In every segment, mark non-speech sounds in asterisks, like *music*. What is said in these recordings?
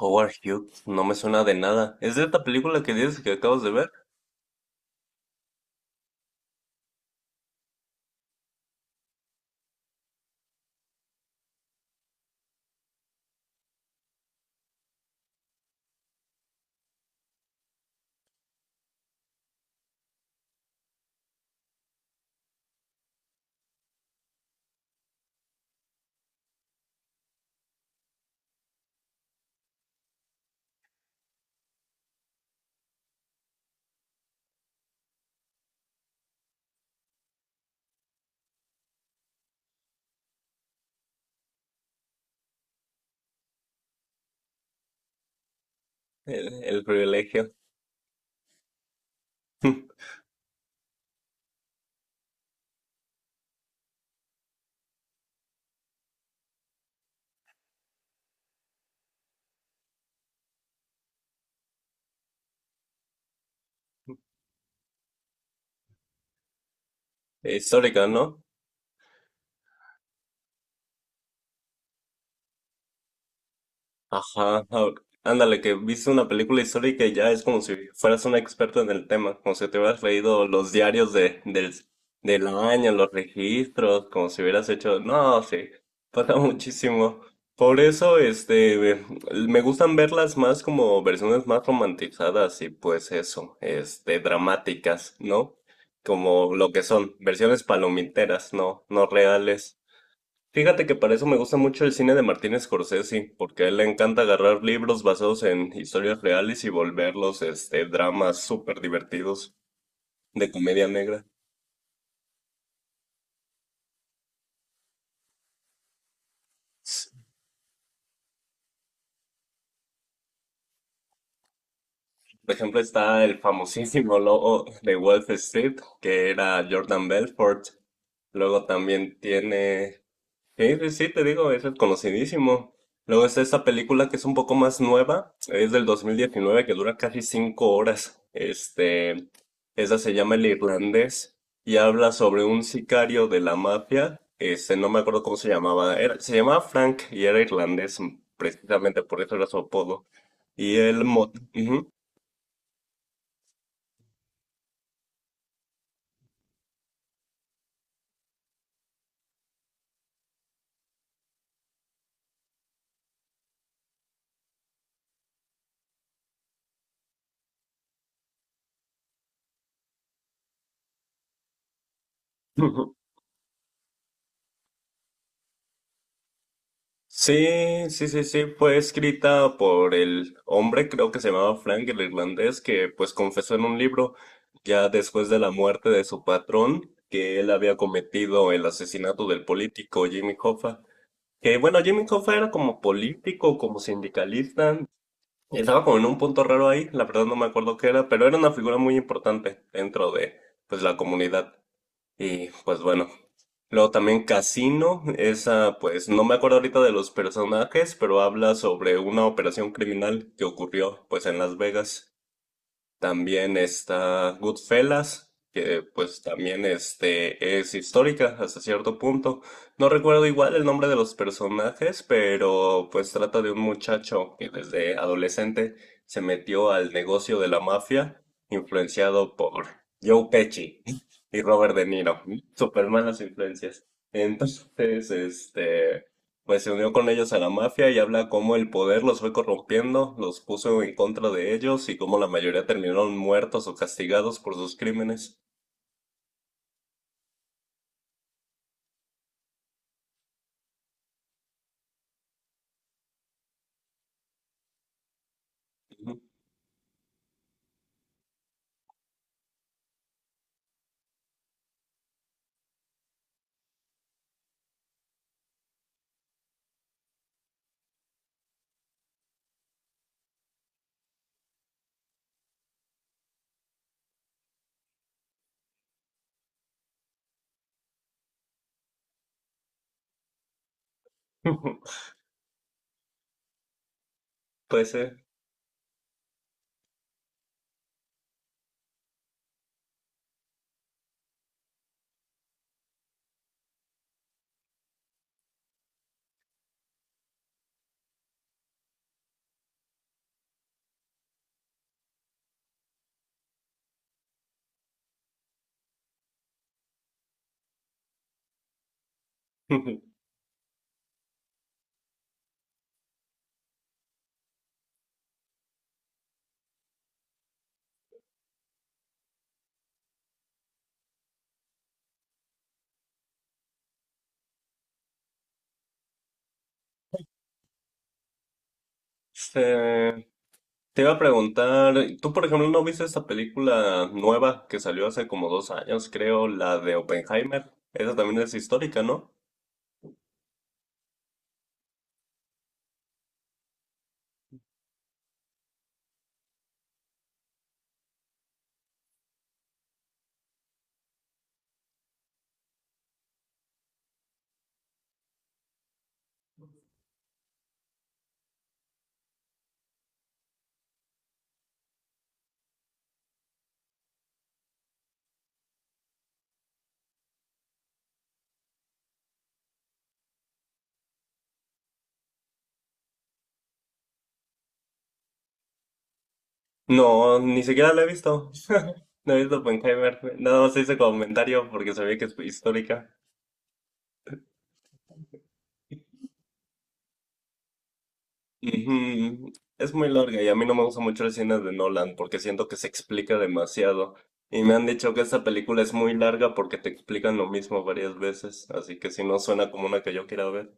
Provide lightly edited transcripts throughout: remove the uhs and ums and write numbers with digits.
Howard Hughes, no me suena de nada. ¿Es de esta película que dices que acabas de ver? El privilegio. *laughs* Histórica, ¿no? Ajá, ajá. Ándale, que viste una película histórica y ya es como si fueras un experto en el tema, como si te hubieras leído los diarios del año, los registros, como si hubieras hecho. No, sí, pasa *laughs* muchísimo. Por eso, me gustan verlas más como versiones más romantizadas y pues eso, dramáticas, ¿no? Como lo que son, versiones palomiteras, no, no reales. Fíjate que para eso me gusta mucho el cine de Martin Scorsese, porque a él le encanta agarrar libros basados en historias reales y volverlos, dramas súper divertidos de comedia negra. Por ejemplo, está el famosísimo logo de Wall Street, que era Jordan Belfort. Luego también tiene. Sí, sí, sí, te digo, ese es conocidísimo. Luego está esta película que es un poco más nueva, es del 2019, que dura casi 5 horas. Esa se llama El Irlandés y habla sobre un sicario de la mafia. No me acuerdo cómo se llamaba. Se llamaba Frank y era irlandés, precisamente por eso era su apodo. Ujú. *laughs* Sí, sí, sí, sí, fue escrita por el hombre, creo que se llamaba Frank, el irlandés, que pues confesó en un libro, ya después de la muerte de su patrón, que él había cometido el asesinato del político Jimmy Hoffa. Que bueno, Jimmy Hoffa era como político, como sindicalista, estaba como en un punto raro ahí, la verdad no me acuerdo qué era, pero era una figura muy importante dentro de pues la comunidad. Y pues bueno. Luego también Casino, esa pues no me acuerdo ahorita de los personajes, pero habla sobre una operación criminal que ocurrió pues en Las Vegas. También está Goodfellas, que pues también es histórica hasta cierto punto. No recuerdo igual el nombre de los personajes, pero pues trata de un muchacho que desde adolescente se metió al negocio de la mafia, influenciado por Joe Pesci *laughs* y Robert De Niro. Super malas influencias. Entonces, pues se unió con ellos a la mafia y habla cómo el poder los fue corrompiendo, los puso en contra de ellos y cómo la mayoría terminaron muertos o castigados por sus crímenes. Ujú. *laughs* Pues, *laughs* este, te iba a preguntar, ¿tú por ejemplo no viste esta película nueva que salió hace como 2 años, creo, la de Oppenheimer? Esa también es histórica, ¿no? No, ni siquiera la he visto. No he visto Oppenheimer. Nada más hice comentario porque sabía que es histórica. Ujú. Es muy larga y a mí no me gusta mucho el cine de Nolan porque siento que se explica demasiado. Y me han dicho que esta película es muy larga porque te explican lo mismo varias veces, así que si no suena como una que yo quiera ver.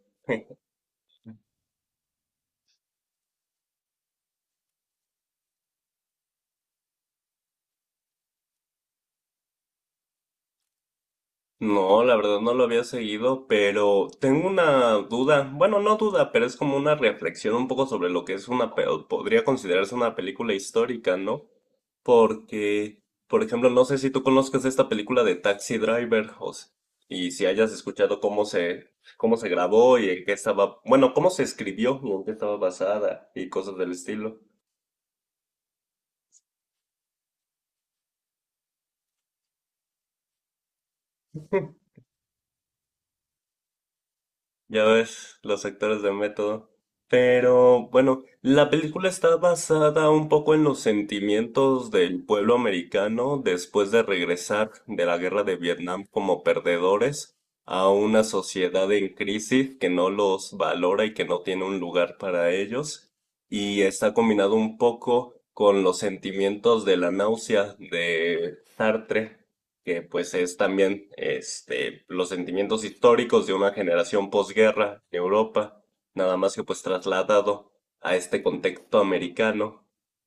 No, la verdad no lo había seguido, pero tengo una duda, bueno, no duda, pero es como una reflexión un poco sobre lo que es una, podría considerarse una película histórica, ¿no? Porque, por ejemplo, no sé si tú conozcas esta película de Taxi Driver y si hayas escuchado cómo se, grabó y en qué estaba, bueno, cómo se escribió y en qué estaba basada y cosas del estilo. Ya ves, los actores de método. Pero bueno, la película está basada un poco en los sentimientos del pueblo americano después de regresar de la guerra de Vietnam como perdedores a una sociedad en crisis que no los valora y que no tiene un lugar para ellos. Y está combinado un poco con los sentimientos de la náusea de Sartre que pues es también los sentimientos históricos de una generación posguerra en Europa, nada más que pues trasladado a este contexto americano.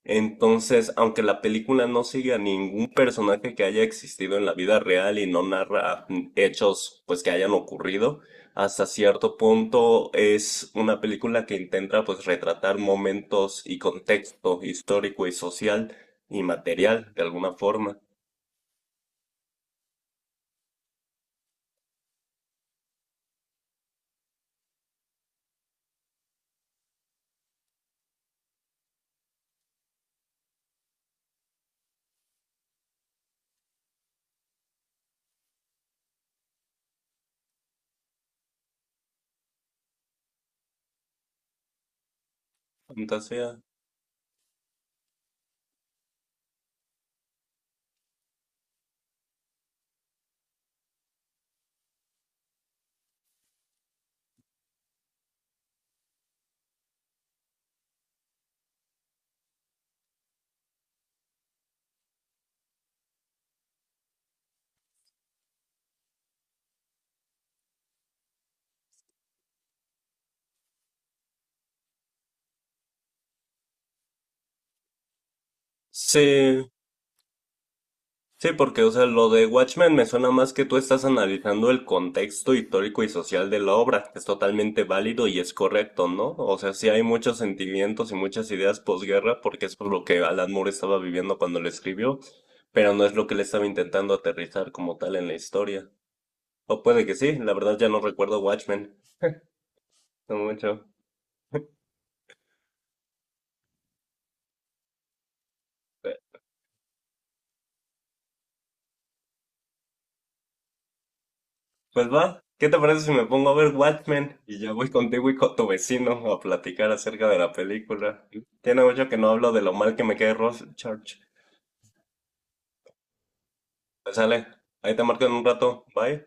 Entonces, aunque la película no sigue a ningún personaje que haya existido en la vida real y no narra hechos pues que hayan ocurrido, hasta cierto punto es una película que intenta pues retratar momentos y contexto histórico y social y material de alguna forma. Fantasía. Sí, sí, porque, o sea, lo de Watchmen me suena más que tú estás analizando el contexto histórico y social de la obra, que es totalmente válido y es correcto, ¿no? O sea, sí hay muchos sentimientos y muchas ideas posguerra, porque es por lo que Alan Moore estaba viviendo cuando lo escribió, pero no es lo que le estaba intentando aterrizar como tal en la historia. O puede que sí, la verdad ya no recuerdo Watchmen, no mucho. Pues va, ¿qué te parece si me pongo a ver Watchmen y ya voy contigo y con tu vecino a platicar acerca de la película? Tiene mucho que no hablo de lo mal que me cae Rorschach. Pues sale, ahí te marco en un rato, bye.